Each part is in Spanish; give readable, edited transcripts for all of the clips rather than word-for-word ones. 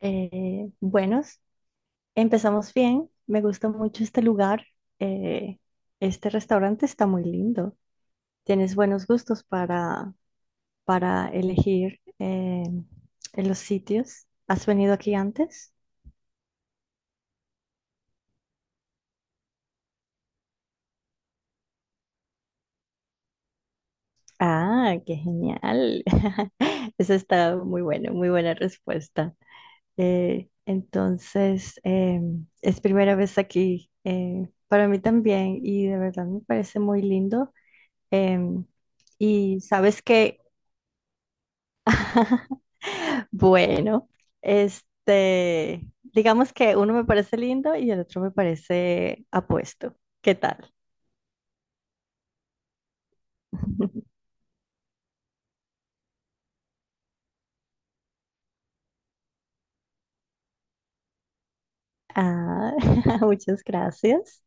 Eh, buenos, empezamos bien. Me gusta mucho este lugar. Eh, este restaurante está muy lindo. Tienes buenos gustos para elegir en los sitios. ¿Has venido aquí antes? Ah, qué genial. Eso está muy bueno, muy buena respuesta. Es primera vez aquí para mí también y de verdad me parece muy lindo. Em, y sabes que, bueno, este, digamos que uno me parece lindo y el otro me parece apuesto. ¿Qué tal? Ah, muchas gracias.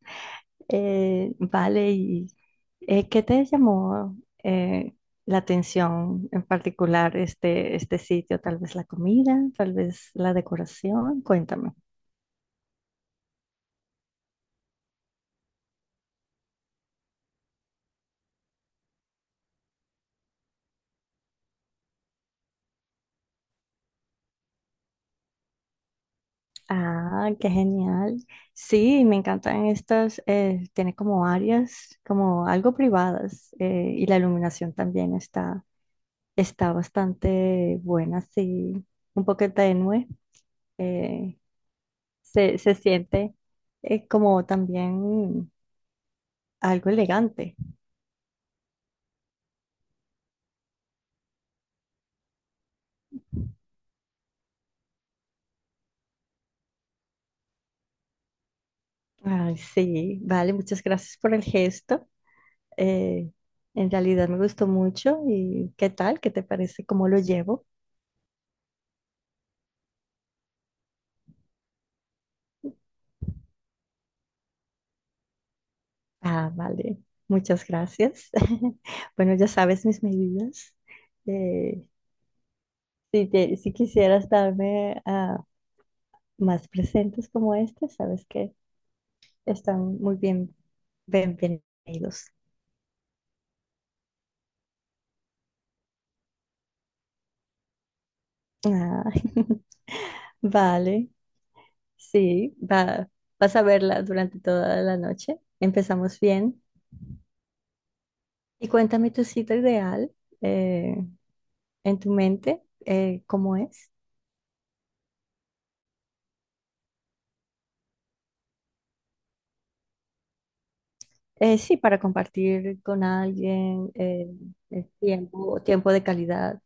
Vale, y ¿qué te llamó eh, la atención en particular este sitio? Tal vez la comida, tal vez la decoración. Cuéntame. Ah, qué genial. Sí, me encantan estas, tiene como áreas, como algo privadas, y la iluminación también está bastante buena, sí, un poco tenue. eh, Se siente como también algo elegante. Ay, sí, vale, muchas gracias por el gesto. eh, en realidad me gustó mucho y ¿qué tal? ¿Qué te parece? ¿Cómo lo llevo? Ah, vale. Muchas gracias. Bueno, ya sabes mis medidas. Eh, si quisieras darme más presentes como este, sabes que están muy bien, bienvenidos. Ah, vale. Sí, vas a verla durante toda la noche. Empezamos bien. Y cuéntame tu cita ideal eh, en tu mente, ¿cómo es? Sí, para compartir con alguien el tiempo de calidad.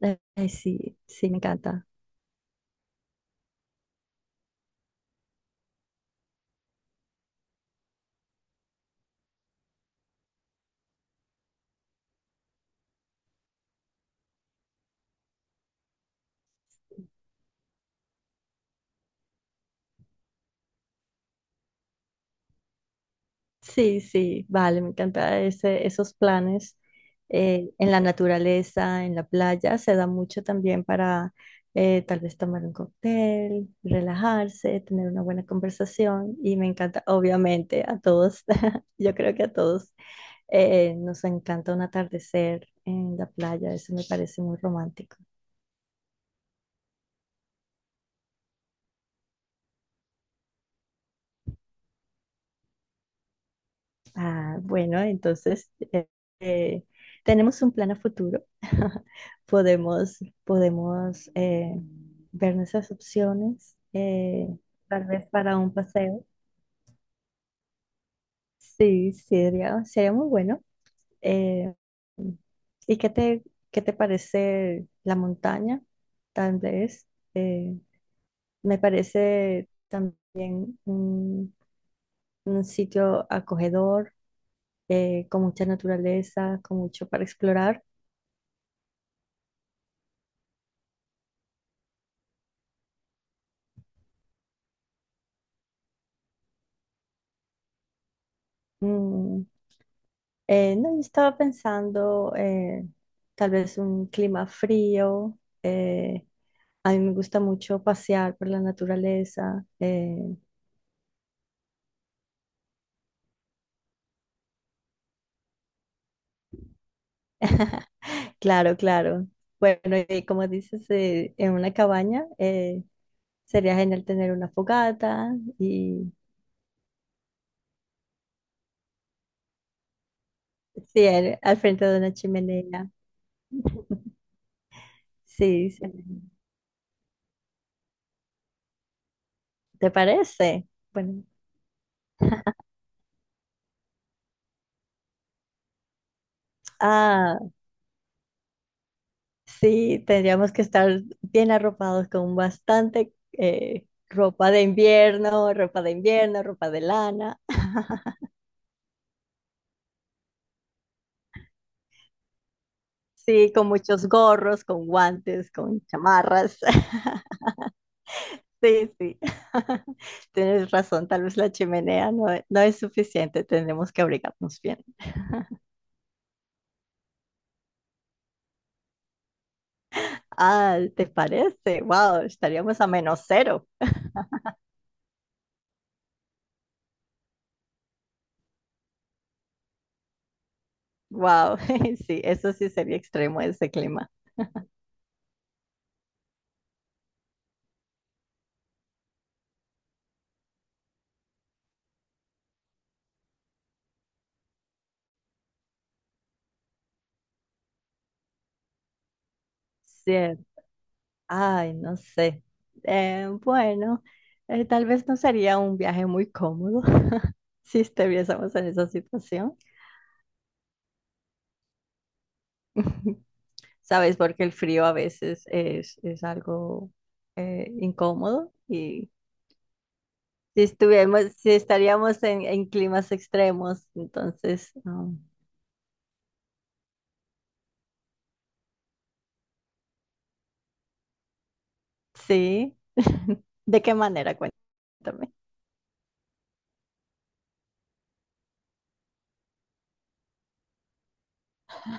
Sí, sí, me encanta. Sí, sí, vale, me encanta esos planes en la naturaleza, en la playa. Se da mucho también para tal vez tomar un cóctel, relajarse, tener una buena conversación. Y me encanta, obviamente, a todos, yo creo que a todos nos encanta un atardecer en la playa. Eso me parece muy romántico. Bueno, entonces eh, tenemos un plan a futuro. Podemos ver nuestras opciones, tal vez para un paseo. Sí, sería muy bueno. Eh, ¿y qué te parece la montaña? Tal vez. eh, Me parece también un sitio acogedor, con mucha naturaleza, con mucho para explorar. Mm, no, yo estaba pensando tal vez un clima frío. eh, a mí me gusta mucho pasear por la naturaleza. Claro, claro. Bueno, y como dices, en una cabaña sería genial tener una fogata y sí, al frente de una chimenea. Sí, sí. ¿Te parece? Bueno, ah. Sí, tendríamos que estar bien arropados con bastante ropa de ropa de invierno, ropa de lana. Sí, con muchos gorros, con guantes, con chamarras. Sí, sí. Tienes razón, tal vez la chimenea no es suficiente, tendremos que abrigarnos bien. Ah, ¿te parece? Wow, estaríamos a menos cero. Wow, sí, eso sí sería extremo ese clima. Sí. Ay, no sé. Bueno, tal vez no sería un viaje muy cómodo si estuviésemos en esa situación. Sabes, porque el frío a veces es algo incómodo y si estaríamos en climas extremos, entonces, sí. ¿De qué manera? Cuéntame.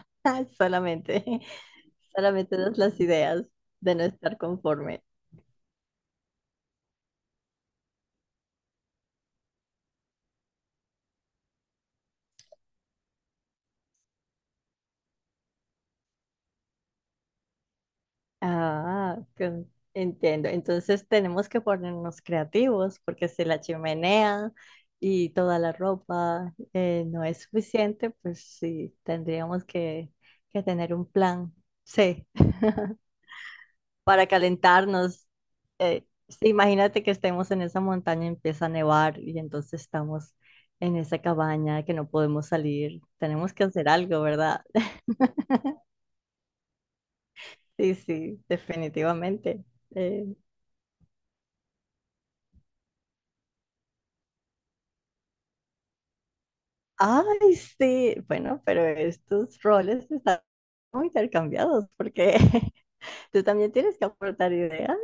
Solamente, solamente das las ideas de no estar conforme. Entiendo. Entonces tenemos que ponernos creativos porque si la chimenea y toda la ropa no es suficiente, pues sí, que tener un plan C para calentarnos. Sí, imagínate que estemos en esa montaña y empieza a nevar y entonces estamos en esa cabaña que no podemos salir. Tenemos que hacer algo, ¿verdad? Sí, sí, definitivamente. Eh, Ay, sí, bueno, pero estos roles están muy intercambiados porque tú también tienes que aportar ideas.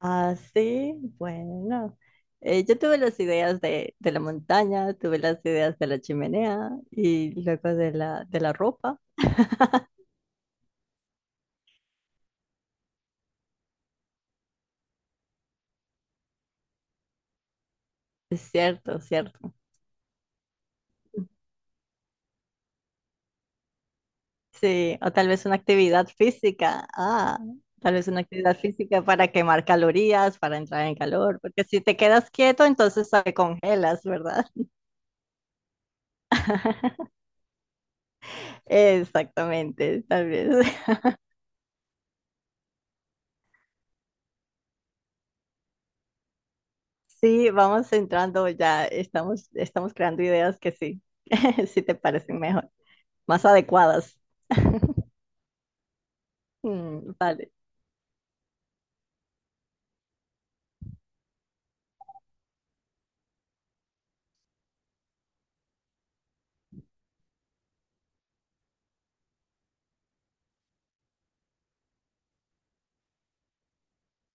Ah, sí, bueno. Yo tuve las ideas de la montaña, tuve las ideas de la chimenea y luego de de la ropa. Es cierto, cierto. Sí, o tal vez una actividad física. Ah, tal vez una actividad física para quemar calorías, para entrar en calor, porque si te quedas quieto, entonces te congelas, ¿verdad? Exactamente, tal vez. Sí, vamos entrando ya, estamos creando ideas que sí, sí te parecen mejor, más adecuadas. Mm, vale.